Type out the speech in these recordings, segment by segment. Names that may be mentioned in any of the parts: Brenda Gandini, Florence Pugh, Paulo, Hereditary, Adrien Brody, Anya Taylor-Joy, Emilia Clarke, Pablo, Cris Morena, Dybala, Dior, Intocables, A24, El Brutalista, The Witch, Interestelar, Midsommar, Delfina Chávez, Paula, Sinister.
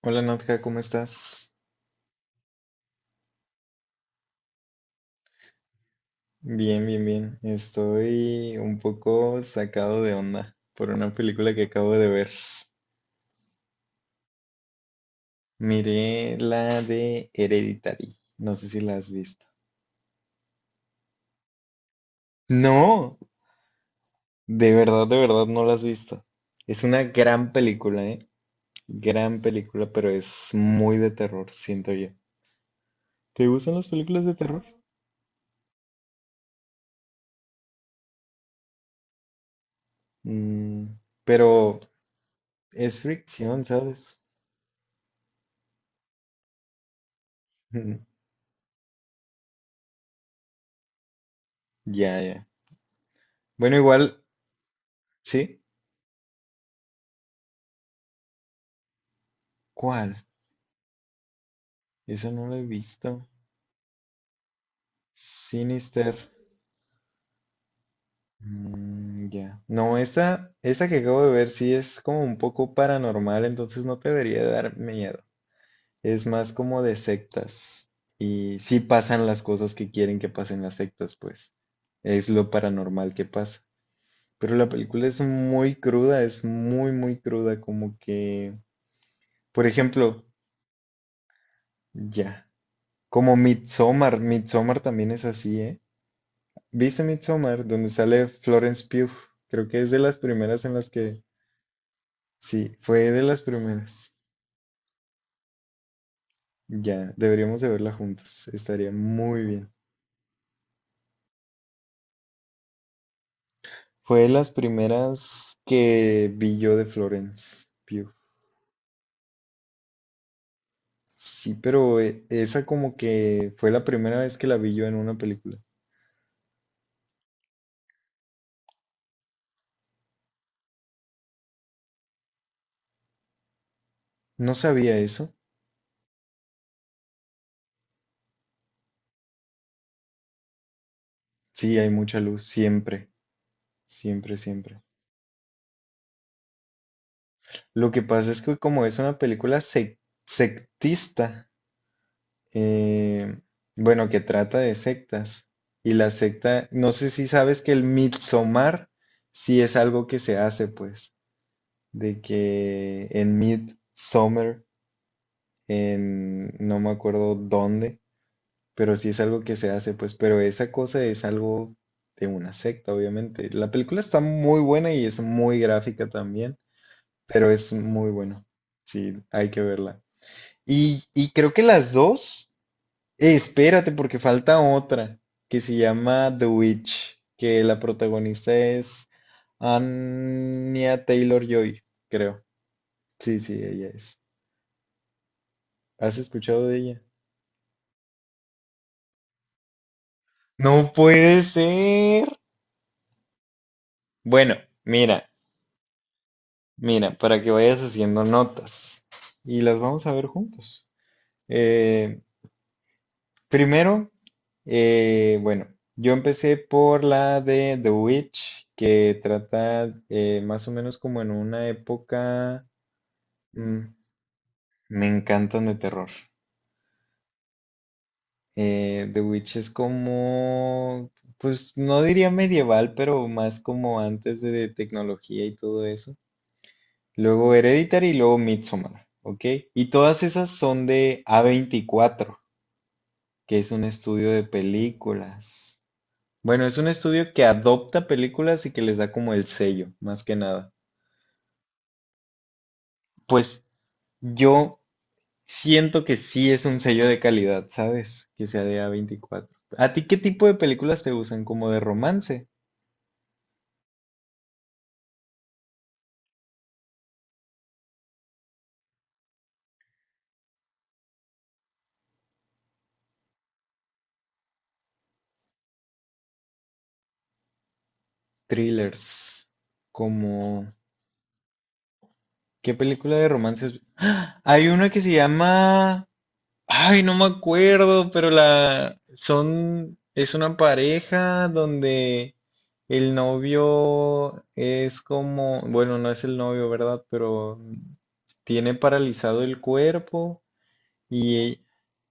Hola Nadja, ¿cómo estás? Bien, bien, bien. Estoy un poco sacado de onda por una película que acabo de ver. Miré la de Hereditary. No sé si la has visto. No, de verdad no la has visto. Es una gran película, ¿eh? Gran película, pero es muy de terror, siento yo. ¿Te gustan las películas de terror? Mm, pero es fricción, ¿sabes? Ya, ya. Bueno, igual, ¿sí? ¿Cuál? Esa no la he visto. Sinister. Mm, ya. No, esa que acabo de ver sí es como un poco paranormal, entonces no te debería dar miedo. Es más como de sectas. Y sí pasan las cosas que quieren que pasen las sectas, pues. Es lo paranormal que pasa. Pero la película es muy cruda, es muy, muy cruda. Como que, por ejemplo, ya. Como Midsommar. Midsommar también es así, ¿eh? ¿Viste Midsommar? Donde sale Florence Pugh. Creo que es de las primeras en las que... Sí, fue de las primeras. Ya, deberíamos de verla juntos. Estaría muy bien. Fue de las primeras que vi yo de Florence Pugh. Sí, pero esa como que fue la primera vez que la vi yo en una película. No sabía eso. Sí, hay mucha luz, siempre, siempre, siempre. Lo que pasa es que como es una película sectista, eh, bueno, que trata de sectas. Y la secta, no sé si sabes que el Midsommar sí es algo que se hace, pues, de que en Midsommar, en no me acuerdo dónde, pero sí es algo que se hace, pues, pero esa cosa es algo de una secta, obviamente. La película está muy buena y es muy gráfica también, pero es muy bueno. Sí, hay que verla. Y creo que las dos. Espérate, porque falta otra que se llama The Witch, que la protagonista es Anya Taylor-Joy, creo. Sí, sí, ella es. ¿Has escuchado de ella? No puede ser. Bueno, mira, mira, para que vayas haciendo notas y las vamos a ver juntos. Eh, Primero, bueno, yo empecé por la de The Witch, que trata más o menos como en una época... Mm, me encantan de terror. The Witch es como, pues no diría medieval, pero más como antes de tecnología y todo eso. Luego Hereditary y luego Midsommar, ¿ok? Y todas esas son de A24, que es un estudio de películas. Bueno, es un estudio que adopta películas y que les da como el sello, más que nada. Pues yo siento que sí es un sello de calidad, ¿sabes? Que sea de A24. ¿A ti qué tipo de películas te gustan? ¿Como de romance? ¿Thrillers? ¿Como qué película de romance es? ¡Ah! Hay una que se llama... Ay, no me acuerdo, pero la son es una pareja donde el novio es como, bueno, no es el novio, ¿verdad? Pero tiene paralizado el cuerpo y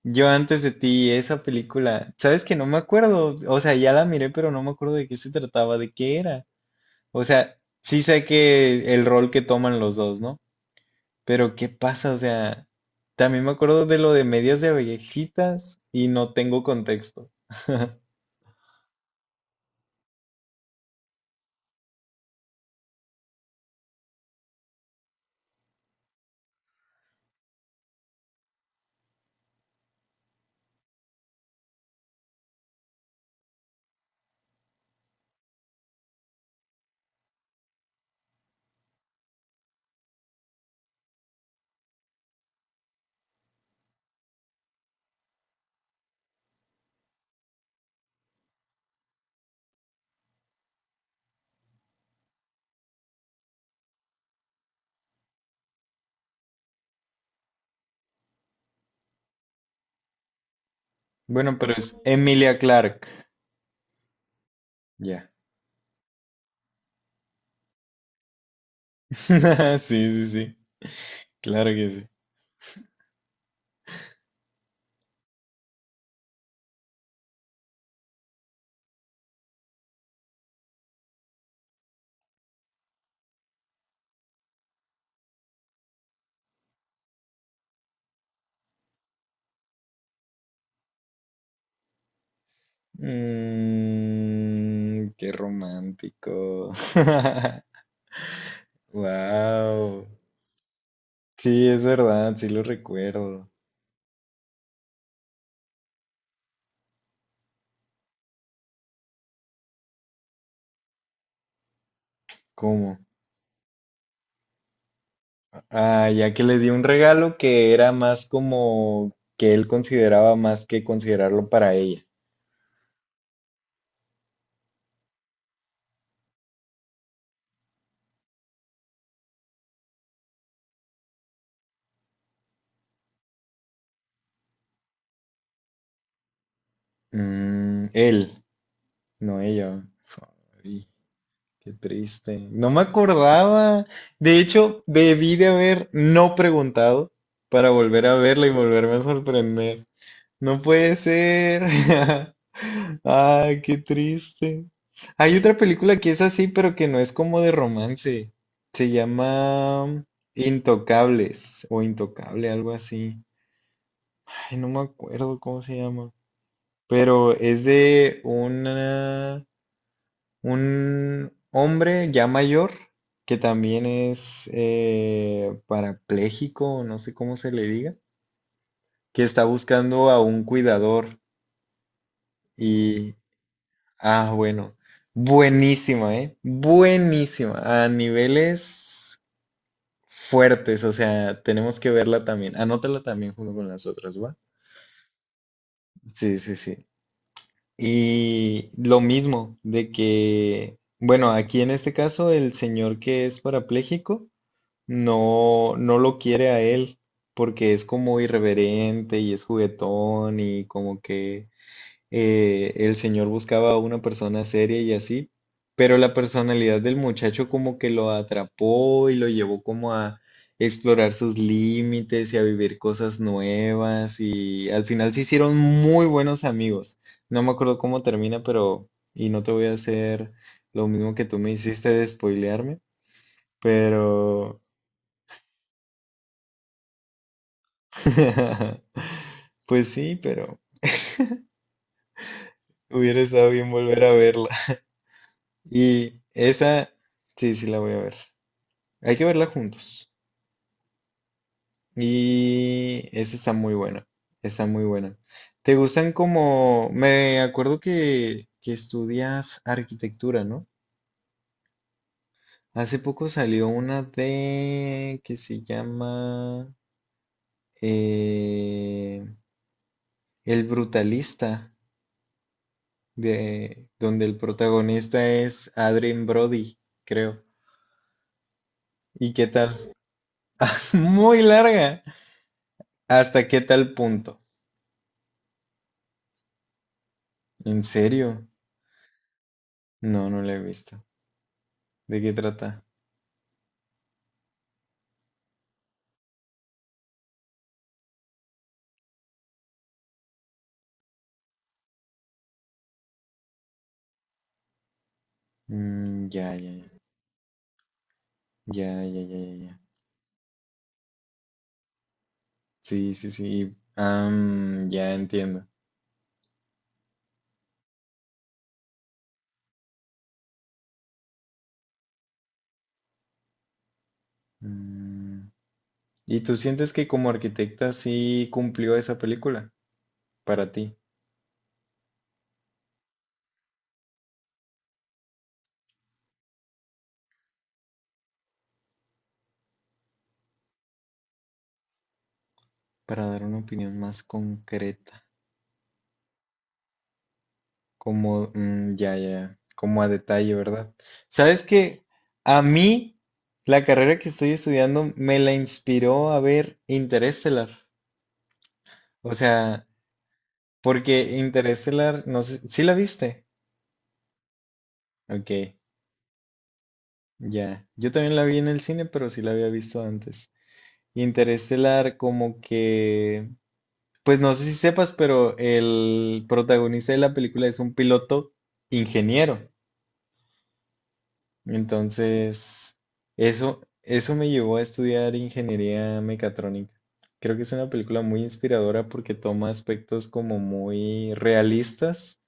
yo antes de ti, esa película, sabes que no me acuerdo, o sea, ya la miré, pero no me acuerdo de qué se trataba, de qué era. O sea, sí sé que el rol que toman los dos, ¿no? Pero ¿qué pasa? O sea, también me acuerdo de lo de medias de abejitas y no tengo contexto. Bueno, pero es Emilia Clarke. Ya. Sí, sí, sí. Claro que sí. Mm, qué romántico. Wow. Sí, es verdad, sí lo recuerdo. ¿Cómo? Ah, ya que le di un regalo que era más como que él consideraba más que considerarlo para ella. Mm, él. No ella. Ay, qué triste. No me acordaba. De hecho, debí de haber no preguntado para volver a verla y volverme a sorprender. No puede ser. Ay, qué triste. Hay otra película que es así, pero que no es como de romance. Se llama Intocables o Intocable, algo así. Ay, no me acuerdo cómo se llama. Pero es de una... Un hombre ya mayor que también es parapléjico, no sé cómo se le diga, que está buscando a un cuidador y, ah, bueno, buenísima, ¿eh? Buenísima, a niveles fuertes, o sea, tenemos que verla también, anótala también junto con las otras, ¿va? Sí, sí, sí. Y lo mismo, de que, bueno, aquí en este caso el señor que es parapléjico, no lo quiere a él, porque es como irreverente y es juguetón y como que el señor buscaba a una persona seria y así, pero la personalidad del muchacho como que lo atrapó y lo llevó como a explorar sus límites y a vivir cosas nuevas y al final se hicieron muy buenos amigos. No me acuerdo cómo termina, pero y no te voy a hacer lo mismo que tú me hiciste de spoilearme, pero... Pues sí, pero hubiera estado bien volver a verla. Y esa, sí, sí la voy a ver. Hay que verla juntos. Y esa está muy buena. Está muy buena. ¿Te gustan como... Me acuerdo que, estudias arquitectura, ¿no? Hace poco salió una de... que se llama... eh, El Brutalista, de, donde el protagonista es Adrien Brody, creo. ¿Y qué tal? Muy larga. ¿Hasta qué tal punto? ¿En serio? No, no la he visto. ¿De qué trata? Mm, ya, ya, ya. Ya, ya, ya, ya, ya. Sí, sí, sí. Am, ya entiendo. Mm, ¿y tú sientes que como arquitecta sí cumplió esa película para ti? Para dar una opinión más concreta. Como, mm, ya, ya, ya, como a detalle, ¿verdad? Sabes que a mí la carrera que estoy estudiando me la inspiró a ver Interestelar. O sea, porque Interestelar, no sé, ¿sí la viste? Ok, ya. Yo también la vi en el cine, pero sí la había visto antes. Interestelar, como que, pues no sé si sepas, pero el protagonista de la película es un piloto ingeniero. Entonces, eso me llevó a estudiar ingeniería mecatrónica. Creo que es una película muy inspiradora porque toma aspectos como muy realistas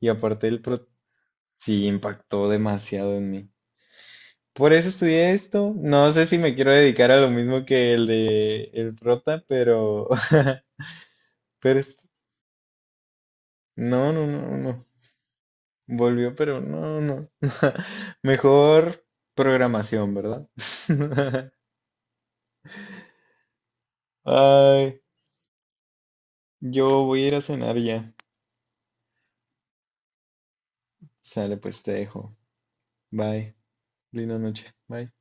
y aparte el pro sí impactó demasiado en mí. Por eso estudié esto. No sé si me quiero dedicar a lo mismo que el de el prota, pero... pero no, no, no, no. Volvió, pero no, no. Mejor programación, ¿verdad? Ay. Yo voy a ir a cenar ya. Sale, pues te dejo. Bye. Linda noche. Bye.